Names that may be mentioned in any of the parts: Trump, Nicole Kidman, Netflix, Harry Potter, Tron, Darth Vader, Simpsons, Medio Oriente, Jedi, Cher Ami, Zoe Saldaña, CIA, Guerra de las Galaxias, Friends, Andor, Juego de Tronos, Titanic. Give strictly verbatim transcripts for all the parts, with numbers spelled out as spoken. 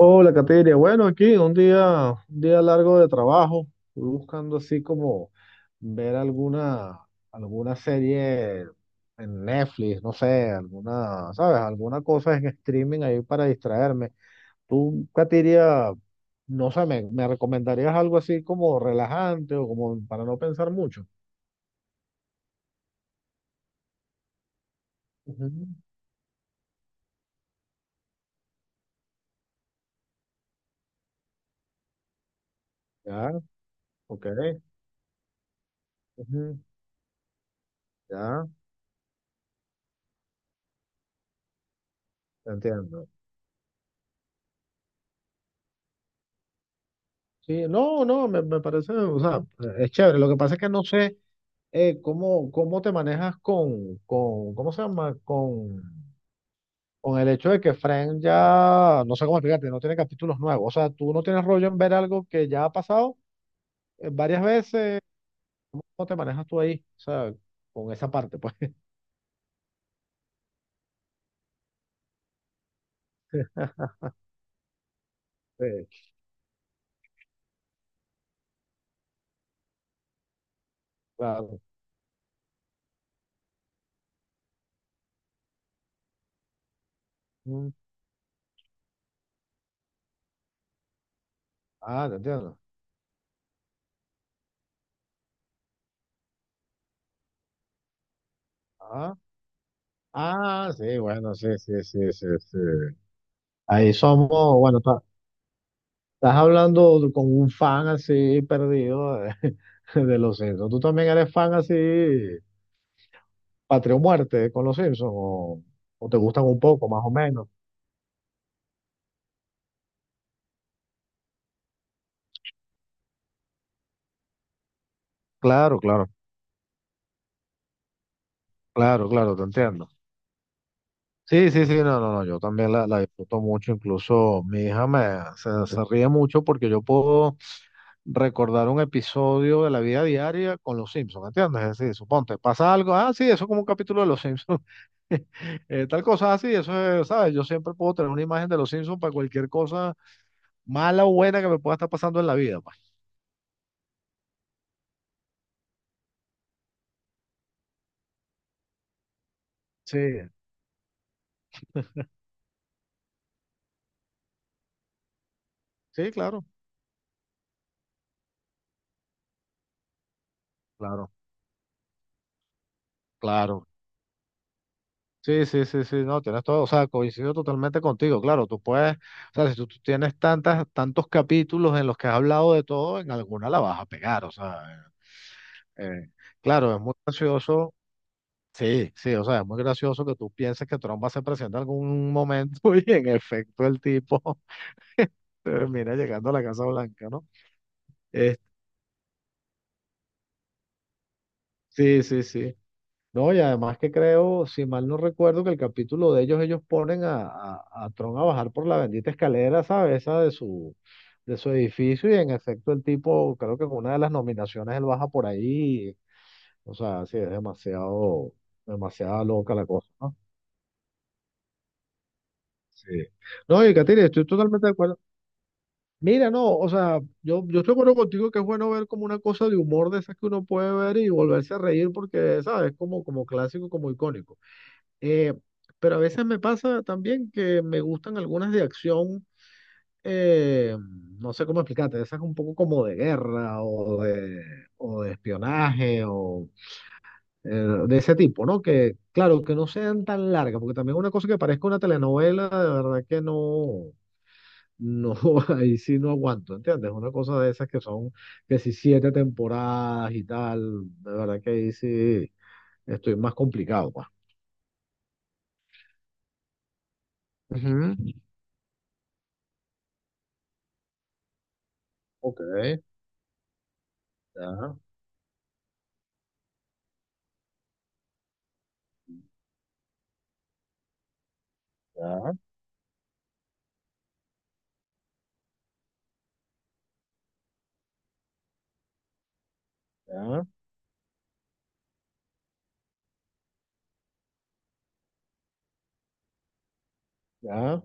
Hola, Cateria. Bueno, aquí un día, un día largo de trabajo. Estoy buscando así como ver alguna, alguna serie en Netflix, no sé, alguna, ¿sabes? Alguna cosa en streaming ahí para distraerme. Tú, Cateria, no sé, me, me recomendarías algo así como relajante o como para no pensar mucho? Ujú. Ya, ok. Ujú, ya, entiendo. Sí, no, no, me, me parece, o sea, es chévere. Lo que pasa es que no sé. eh, ¿cómo, cómo te manejas con, con, ¿cómo se llama? Con, con el hecho de que Friends ya, no sé cómo explicarte, no tiene capítulos nuevos. O sea, tú no tienes rollo en ver algo que ya ha pasado eh, varias veces. ¿Cómo te manejas tú ahí? O sea, con esa parte, pues. eh, claro. Mm. Ah, te entiendo. Ah, ah, sí, bueno, sí, sí, sí, sí, sí. Ahí somos, bueno, ta- estás hablando con un fan así perdido de, de los Simpsons. Tú también eres fan así. Patria o muerte con los Simpsons o, o te gustan un poco, más o menos. Claro, claro, claro, claro, te entiendo. Sí, sí, sí, no, no, no, yo también la, la disfruto mucho, incluso mi hija me, se, se ríe mucho porque yo puedo recordar un episodio de la vida diaria con los Simpsons, ¿entiendes? Es decir, suponte, pasa algo, ah, sí, eso es como un capítulo de los Simpsons, Eh, tal cosa así, eso es, ¿sabes? Yo siempre puedo tener una imagen de los Simpsons para cualquier cosa mala o buena que me pueda estar pasando en la vida, pues. Sí. Sí, claro, claro, claro. Sí, sí, sí, sí, no, tienes todo, o sea, coincido totalmente contigo, claro, tú puedes, o sea, si tú, tú tienes tantas, tantos capítulos en los que has hablado de todo, en alguna la vas a pegar, o sea, eh, claro, es muy gracioso, sí, sí, o sea, es muy gracioso que tú pienses que Trump va a ser presidente en algún momento y en efecto el tipo termina llegando a la Casa Blanca, ¿no? Eh, sí, sí, sí. No, y además que creo, si mal no recuerdo, que el capítulo de ellos, ellos ponen a, a, a Tron a bajar por la bendita escalera, ¿sabes? Esa de su, de su edificio, y en efecto el tipo, creo que con una de las nominaciones él baja por ahí. O sea, sí, es demasiado, demasiada loca la cosa, ¿no? Sí. No, y Katina, estoy totalmente de acuerdo. Mira, no, o sea, yo, yo estoy de acuerdo contigo que es bueno ver como una cosa de humor de esas que uno puede ver y volverse a reír porque, ¿sabes? Como, como clásico, como icónico. Eh, pero a veces me pasa también que me gustan algunas de acción, eh, no sé cómo explicarte, esas un poco como de guerra o de, o de espionaje o eh, de ese tipo, ¿no? Que claro, que no sean tan largas, porque también una cosa que parezca una telenovela, de verdad que no, no, ahí sí no aguanto, ¿entiendes? Una cosa de esas que son, que si siete temporadas y tal, de verdad que ahí sí estoy más complicado, pues. Ujú. Ok, ya, ya. Ya, ya,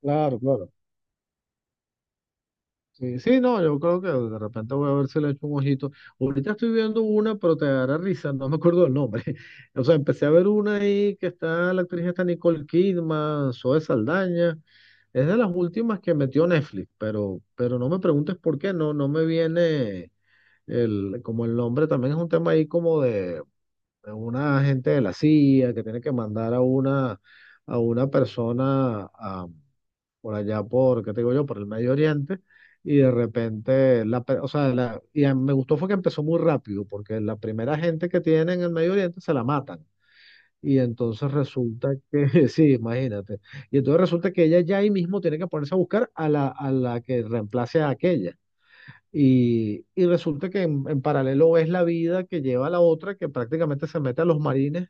claro, claro. Sí, sí, no, yo creo que de repente voy a ver si le echo un ojito. Ahorita estoy viendo una, pero te dará risa, no me acuerdo el nombre. O sea, empecé a ver una ahí que está, la actriz está Nicole Kidman, Zoe Saldaña. Es de las últimas que metió Netflix, pero, pero no me preguntes por qué, no, no me viene el, como el nombre, también es un tema ahí como de, una agente de la C I A que tiene que mandar a una, a una persona por allá por, ¿qué te digo yo? Por el Medio Oriente, y de repente, la, pe- o sea, la- y a- me gustó fue que empezó muy rápido, porque la primera gente que tienen en el Medio Oriente se la matan. Y entonces resulta que, sí, imagínate. Y entonces resulta que ella ya ahí mismo tiene que ponerse a buscar a la, a la que reemplace a aquella. Y, y resulta que en, en paralelo es la vida que lleva la otra, que prácticamente se mete a los marines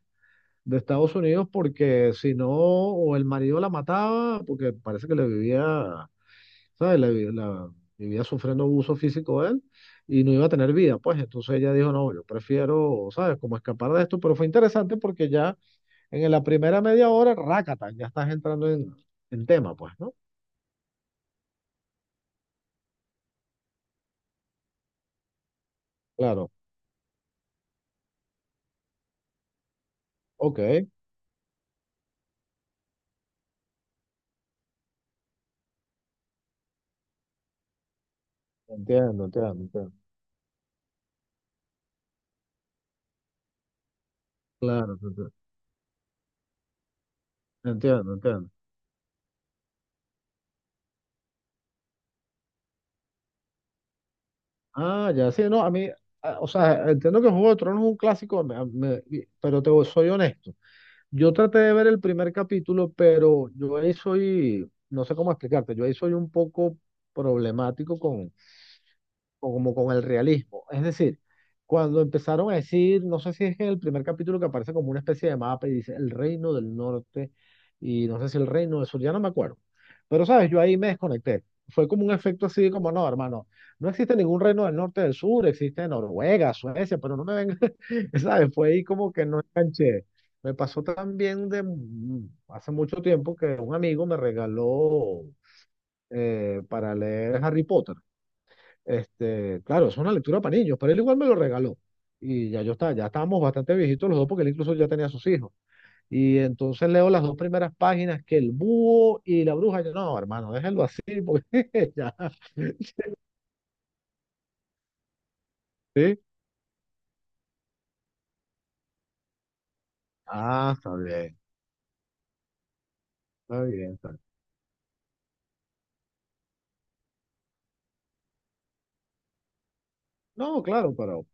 de Estados Unidos, porque si no, o el marido la mataba, porque parece que le vivía ¿sabes? La, vi- la- vivía sufriendo abuso físico de él y no iba a tener vida, pues entonces ella dijo, no, yo prefiero, ¿sabes? Como escapar de esto, pero fue interesante porque ya en la primera media hora, rácata, ya estás entrando en, en tema, pues, ¿no? Claro, ok, entiendo, entiendo, entiendo. Claro, te- te- entiendo, entiendo. Ah, ya, sí, no, a mí, ah, o sea, entiendo que Juego de Tronos es un clásico, me- me- y- pero te voy- soy honesto. Yo traté de ver el primer capítulo, pero yo ahí soy, no sé cómo explicarte, yo ahí soy un poco problemático como con el realismo. Es decir, cuando empezaron a decir, no sé si es en el primer capítulo que aparece como una especie de mapa y dice el reino del norte y no sé si el reino del sur, ya no me acuerdo. Pero, ¿sabes? Yo ahí me desconecté. Fue como un efecto así como, no, hermano, no existe ningún reino del norte del sur, existe Noruega, Suecia, pero no me ven, ¿sabes? Fue ahí como que no enganché. Me pasó también de mm, hace mucho tiempo que un amigo me regaló eh, para leer Harry Potter. Este, claro, es una lectura para niños, pero él igual me lo regaló. Y ya yo estaba, ya estábamos bastante viejitos los dos, porque él incluso ya tenía sus hijos. Y entonces leo las dos primeras páginas, que el búho y la bruja. Yo, no, hermano, déjenlo así, porque ya. ¿Sí? Ah, está bien, está bien, está bien. No, claro, pero.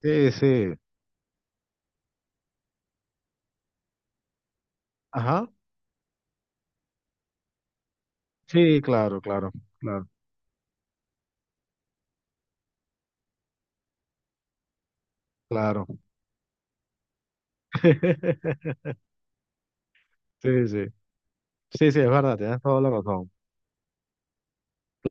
Sí, sí. Ajá. Sí, claro, claro, claro, claro. Sí, sí. Sí, sí, es verdad, tienes toda la razón.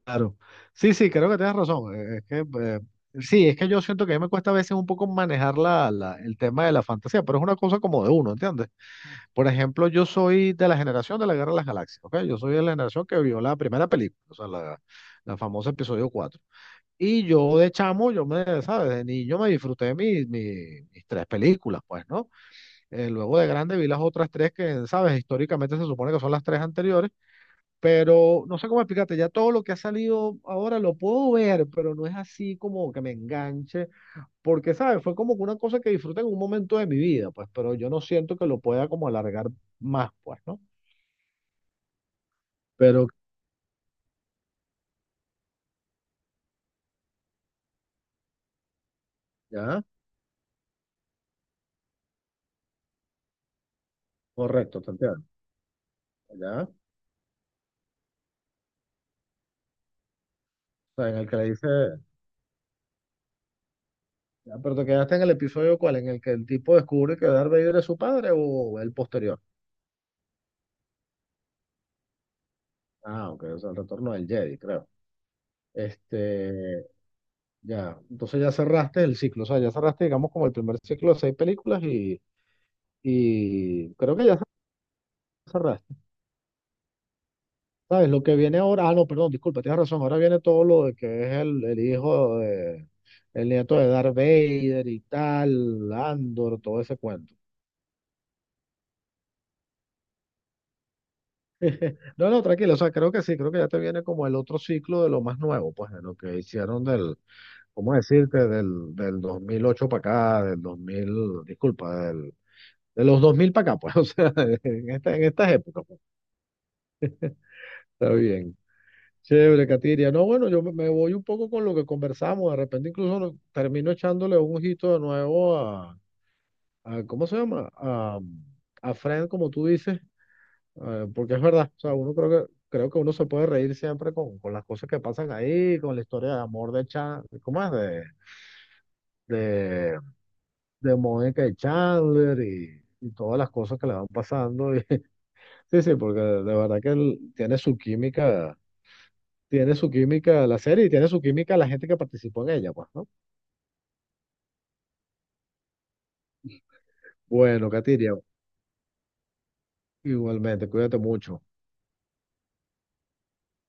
Claro. Sí, sí, creo que tienes razón. Eh, Es que, eh, sí, es que yo siento que a mí me cuesta a veces un poco manejar la, la- el tema de la fantasía, pero es una cosa como de uno, ¿entiendes? Por ejemplo, yo soy de la generación de la Guerra de las Galaxias, ¿ok? Yo soy de la generación que vio la primera película, o sea, la, la famosa episodio cuatro, y yo de chamo, yo me, ¿sabes? De niño me disfruté mis mi- mis tres películas, pues, ¿no? Eh, luego de grande vi las otras tres que, ¿sabes? Históricamente se supone que son las tres anteriores pero no sé cómo explicarte, ya todo lo que ha salido ahora lo puedo ver, pero no es así como que me enganche, porque, ¿sabes? Fue como que una cosa que disfruté en un momento de mi vida, pues, pero yo no siento que lo pueda como alargar más, pues, ¿no? Pero ya, correcto, te entiendo, ya. O sea, en el que le dice, ya, pero te quedaste en el episodio cuál, en el que el tipo descubre que Darth Vader es su padre o el posterior. Ah, ok, o sea, el retorno del Jedi, creo. Este, ya, entonces ya cerraste el ciclo, o sea, ya cerraste, digamos, como el primer ciclo de seis películas y Y creo que ya cerraste. ¿Sabes? Lo que viene ahora, ah, no, perdón, disculpa, tienes razón. Ahora viene todo lo de que es el, el hijo de, el nieto de Darth Vader y tal, Andor, todo ese cuento. No, no, tranquilo, o sea, creo que sí, creo que ya te viene como el otro ciclo de lo más nuevo, pues, de lo que hicieron del, ¿cómo decirte? Del, del dos mil ocho para acá, del dos mil disculpa, del, de los dos mil para acá, pues, o sea, en esta, en estas épocas, pues. Está bien. Chévere, Katiria. No, bueno, yo me me voy un poco con lo que conversamos. De repente incluso lo- termino echándole un ojito de nuevo a, a- ¿cómo se llama? A, a Friend, como tú dices, eh, porque es verdad. O sea, uno creo que, creo que uno se puede reír siempre con, con las cosas que pasan ahí, con la historia de amor de Chan, ¿cómo es? De, de, de Mónica y Chandler y, y todas las cosas que le van pasando. y- sí, sí, porque de verdad que él tiene su química, tiene su química la serie y tiene su química la gente que participó en ella, pues, ¿no? Bueno, Katiria, igualmente, cuídate mucho.